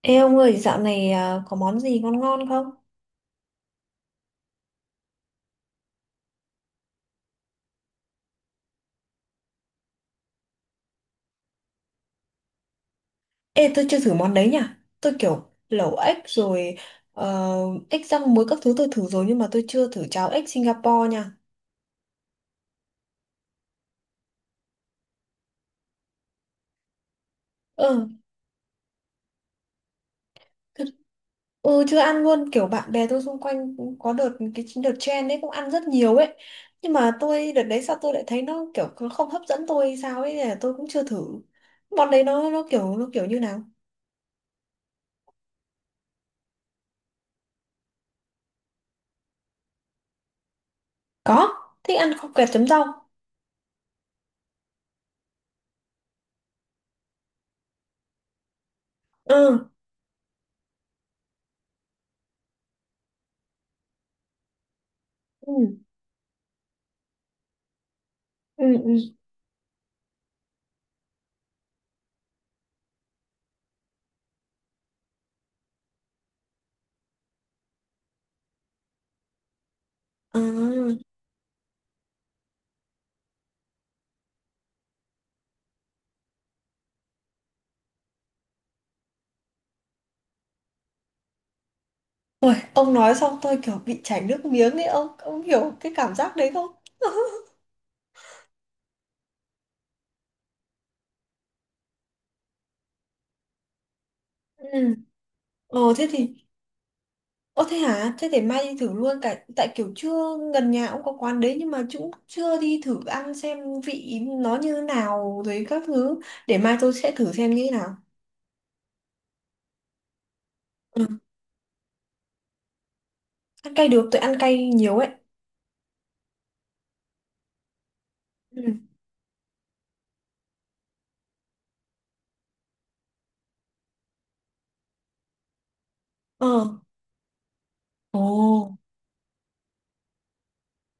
Ê ông ơi, dạo này có món gì ngon ngon không? Ê, tôi chưa thử món đấy nhỉ? Tôi kiểu lẩu ếch rồi, ờ, ếch rang muối các thứ tôi thử rồi nhưng mà tôi chưa thử cháo ếch Singapore nha. Ừ, thật- ừ, chưa ăn luôn, kiểu bạn bè tôi xung quanh cũng có đợt cái đợt trend đấy cũng ăn rất nhiều ấy. Nhưng mà tôi đợt đấy sao tôi lại thấy nó kiểu nó không hấp dẫn tôi hay sao ấy, nên là tôi cũng chưa thử. Món đấy nó kiểu nó kiểu như nào? Có, thích ăn kho quẹt chấm rau. Ừ. Ừ. Ừ, ừ. À. Ôi, ông nói xong tôi kiểu bị chảy nước miếng ấy, ông hiểu cái cảm giác đấy không? Ừ. Ờ thế thì ơ thế hả? Thế để mai đi thử luôn, cả tại kiểu chưa, gần nhà ông có quán đấy nhưng mà chúng chưa đi thử ăn xem vị nó như thế nào rồi các thứ, để mai tôi sẽ thử xem như thế nào. Ừ. Ăn cay được, tôi ăn cay nhiều ấy. Ừ. Ờ. Ồ,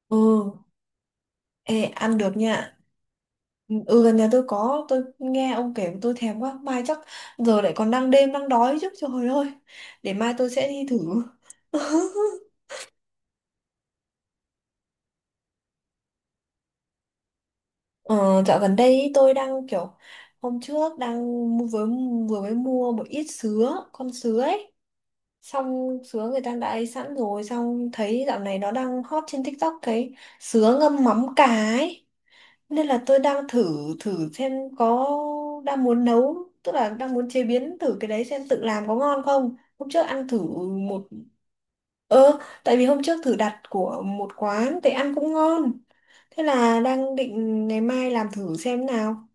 ừ, ê, ăn được nha. Ừ, gần nhà tôi có. Tôi nghe ông kể tôi thèm quá. Mai chắc giờ lại còn đang đêm đang đói chứ, trời ơi. Để mai tôi sẽ đi thử. Ờ, dạo gần đây ý, tôi đang kiểu hôm trước đang vừa, vừa mới mua một ít sứa, con sứa ấy, xong sứa người ta đã ấy sẵn rồi, xong thấy dạo này nó đang hot trên TikTok, cái sứa ngâm mắm cà ấy, nên là tôi đang thử, thử xem, có, đang muốn nấu, tức là đang muốn chế biến thử cái đấy xem tự làm có ngon không. Hôm trước ăn thử một, ờ, tại vì hôm trước thử đặt của một quán thì ăn cũng ngon, thế là đang định ngày mai làm thử xem nào.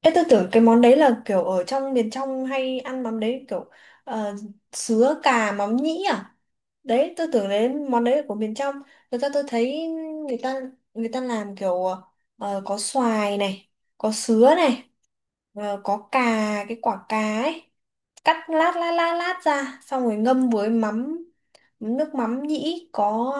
Ê, tôi tưởng cái món đấy là kiểu ở trong miền trong hay ăn mắm đấy kiểu, ờ, sứa cà mắm nhĩ à, đấy tôi tưởng đến món đấy là của miền trong. Người ta tôi thấy, người ta người ta làm kiểu, ờ, có xoài này, có sứa này, ờ, có cà, cái quả cà ấy, cắt lát lát lát lát ra xong rồi ngâm với mắm, nước mắm nhĩ, có,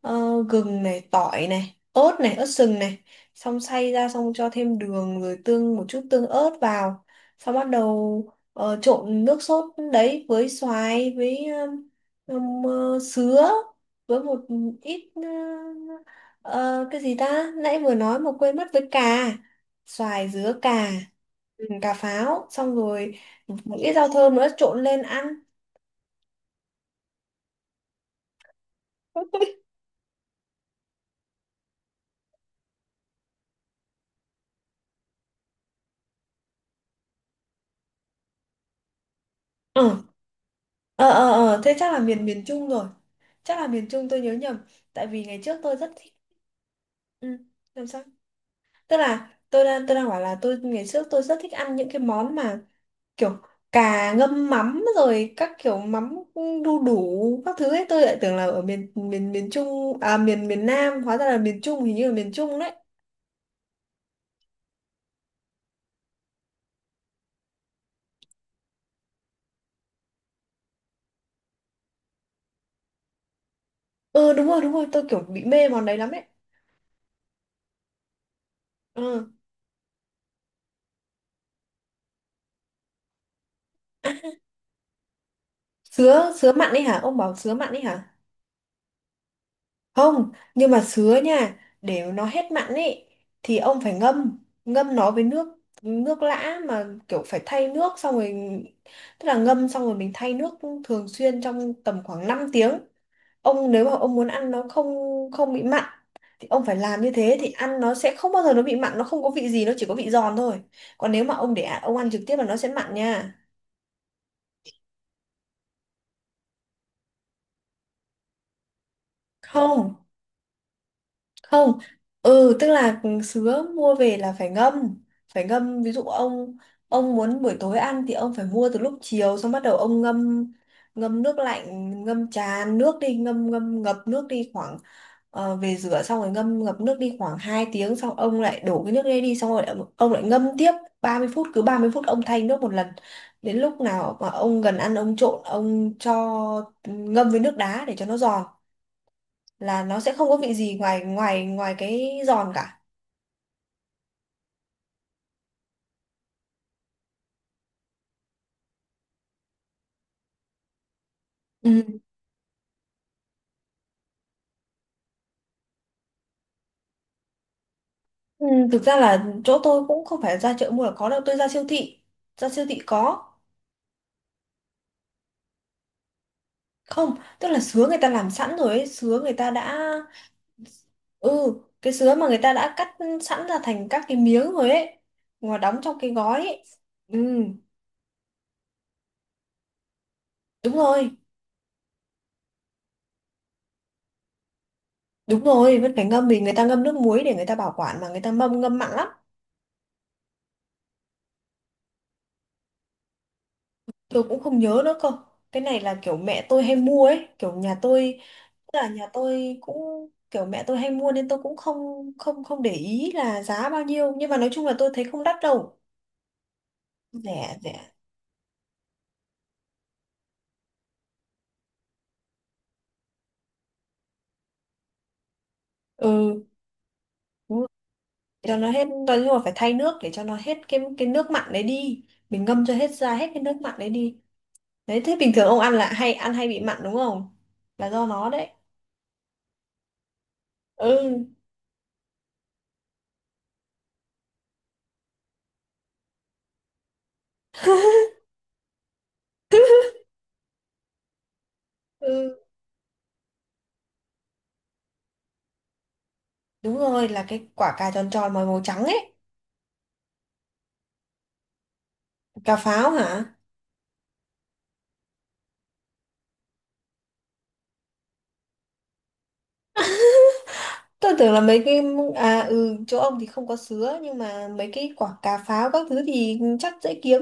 ờ, gừng này, tỏi này, ớt này, ớt sừng này, xong xay ra xong cho thêm đường rồi tương một chút tương ớt vào, xong bắt đầu, ờ, trộn nước sốt đấy với xoài, với sứa, với một ít, ờ, cái gì ta nãy vừa nói mà quên mất, với cà, xoài dứa cà. Ừ, cà pháo. Xong rồi một ít rau thơm nữa trộn lên ăn. Ờ, ờ, ờ, thế chắc là miền miền Trung rồi, chắc là miền Trung tôi nhớ nhầm. Tại vì ngày trước tôi rất thích, ừ, làm sao, tức là tôi đang bảo là tôi ngày trước tôi rất thích ăn những cái món mà kiểu cà ngâm mắm rồi các kiểu mắm đu đủ các thứ ấy, tôi lại tưởng là ở miền miền miền Trung à, miền miền Nam, hóa ra là miền Trung, hình như là miền Trung đấy. Ừ đúng rồi, đúng rồi, tôi kiểu bị mê món đấy lắm đấy. Ừ. À, sứa sứa mặn ấy hả, ông bảo sứa mặn ấy hả? Không, nhưng mà sứa nha, để nó hết mặn ấy thì ông phải ngâm, ngâm nó với nước, nước lã, mà kiểu phải thay nước xong rồi, tức là ngâm xong rồi mình thay nước thường xuyên trong tầm khoảng 5 tiếng. Ông nếu mà ông muốn ăn nó không, không bị mặn thì ông phải làm như thế thì ăn nó sẽ không bao giờ nó bị mặn, nó không có vị gì, nó chỉ có vị giòn thôi. Còn nếu mà ông để ạ, ông ăn trực tiếp là nó sẽ mặn nha. Không, không, ừ, tức là sứa mua về là phải ngâm, phải ngâm. Ví dụ ông muốn buổi tối ăn thì ông phải mua từ lúc chiều, xong bắt đầu ông ngâm, ngâm nước lạnh, ngâm tràn nước đi, ngâm ngâm ngập nước đi khoảng, ờ, về rửa xong rồi ngâm ngập nước đi khoảng 2 tiếng, xong ông lại đổ cái nước đấy đi, xong rồi ông lại ngâm tiếp 30 phút, cứ 30 phút ông thay nước một lần. Đến lúc nào mà ông gần ăn ông trộn, ông cho ngâm với nước đá để cho nó giòn là nó sẽ không có vị gì ngoài, ngoài, ngoài cái giòn cả. Ừ, ừ, thực ra là chỗ tôi cũng không phải ra chợ mua là có đâu, tôi ra siêu thị, ra siêu thị có. Không, tức là sứa người ta làm sẵn rồi ấy, sứa người ta đã, ừ, cái sứa mà người ta đã cắt sẵn ra thành các cái miếng rồi ấy, mà đóng trong cái gói ấy. Ừ. Đúng rồi, đúng rồi, vẫn phải ngâm vì người ta ngâm nước muối để người ta bảo quản, mà người ta mâm ngâm mặn lắm. Tôi cũng không nhớ nữa cơ, cái này là kiểu mẹ tôi hay mua ấy, kiểu nhà tôi. Tức là nhà tôi cũng kiểu mẹ tôi hay mua nên tôi cũng không không không để ý là giá bao nhiêu, nhưng mà nói chung là tôi thấy không đắt đâu, rẻ rẻ. Ừ, đúng rồi. Để cho nó hết, nói chung là phải thay nước để cho nó hết cái nước mặn đấy đi, mình ngâm cho hết ra hết cái nước mặn đấy đi. Đấy, thế bình thường ông ăn là hay ăn hay bị mặn đúng không, là do nó đấy. Ừ, ừ, đúng rồi, là cái quả cà tròn tròn màu màu trắng ấy. Cà pháo hả? Tôi tưởng là mấy cái, à ừ, chỗ ông thì không có sứa nhưng mà mấy cái quả cà pháo các thứ thì chắc dễ kiếm.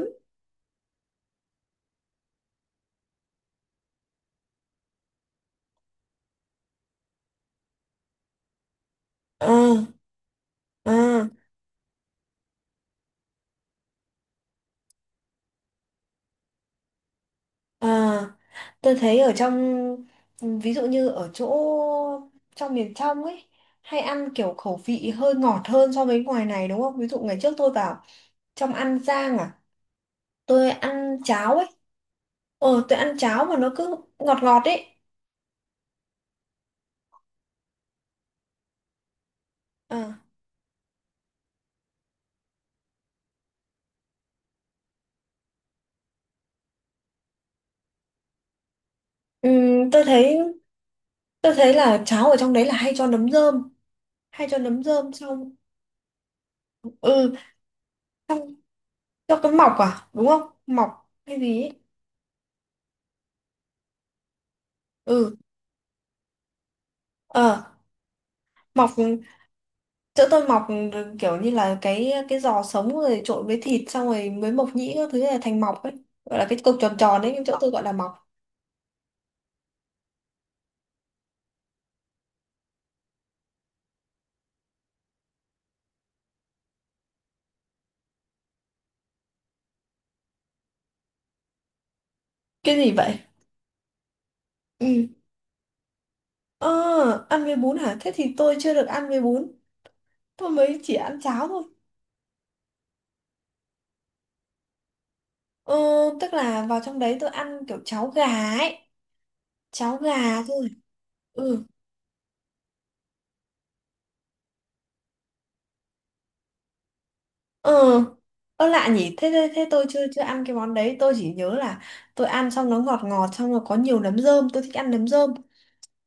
À à à, tôi thấy ở trong, ví dụ như ở chỗ trong miền trong ấy hay ăn kiểu khẩu vị hơi ngọt hơn so với ngoài này đúng không? Ví dụ ngày trước tôi vào trong An Giang, tôi ăn cháo ấy. Ờ tôi ăn cháo mà nó cứ ngọt ngọt ấy. À, tôi thấy, tôi thấy là cháo ở trong đấy là hay cho nấm rơm, hay cho nấm rơm, xong, ừ, xong cho cái mọc à đúng không, mọc hay gì ấy. Ừ, ờ, mọc, chỗ tôi mọc kiểu như là cái giò sống rồi trộn với thịt xong rồi mới mộc nhĩ các thứ là thành mọc ấy, gọi là cái cục tròn tròn ấy, nhưng chỗ tôi gọi là mọc. Cái gì vậy? Ừ, ờ ăn với bún hả, thế thì tôi chưa được ăn với bún, tôi mới chỉ ăn cháo thôi. Ờ tức là vào trong đấy tôi ăn kiểu cháo gà ấy, cháo gà thôi. Ừ. Ừ, ơ lạ nhỉ, thế, thế thế tôi chưa chưa ăn cái món đấy, tôi chỉ nhớ là tôi ăn xong nó ngọt ngọt, xong rồi có nhiều nấm rơm, tôi thích ăn nấm rơm,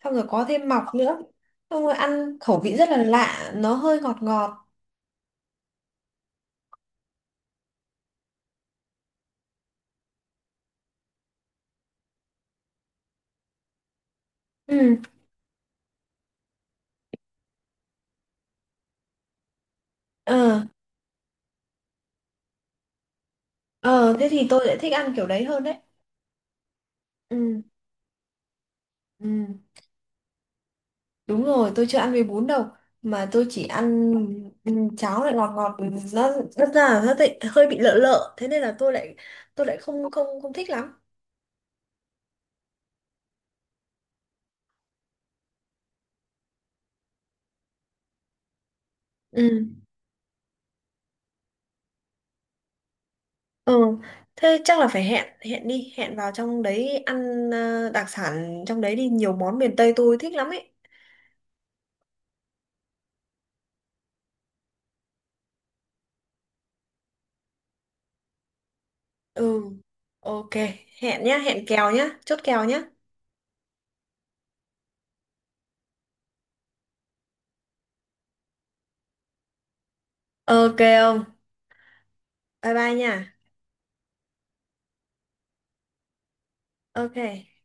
xong rồi có thêm mọc nữa. Xong rồi ăn khẩu vị rất là lạ, nó hơi ngọt ngọt. Ừ, ờ, ờ thế thì tôi lại thích ăn kiểu đấy hơn đấy. Ừ, ừ, đúng rồi, tôi chưa ăn với bún đâu, mà tôi chỉ ăn, ừ, cháo lại ngọt ngọt, nó rất ra nó lại hơi bị lợ lợ, thế nên là tôi lại không không không thích lắm. Ừ. Ừ, thế chắc là phải hẹn, hẹn đi hẹn vào trong đấy ăn, ờ, đặc sản trong đấy đi, nhiều món miền Tây tôi thích lắm ấy. Ừ, ok, hẹn nhá, hẹn kèo nhá, chốt kèo nhá. Ok không? Bye bye nha. Ok.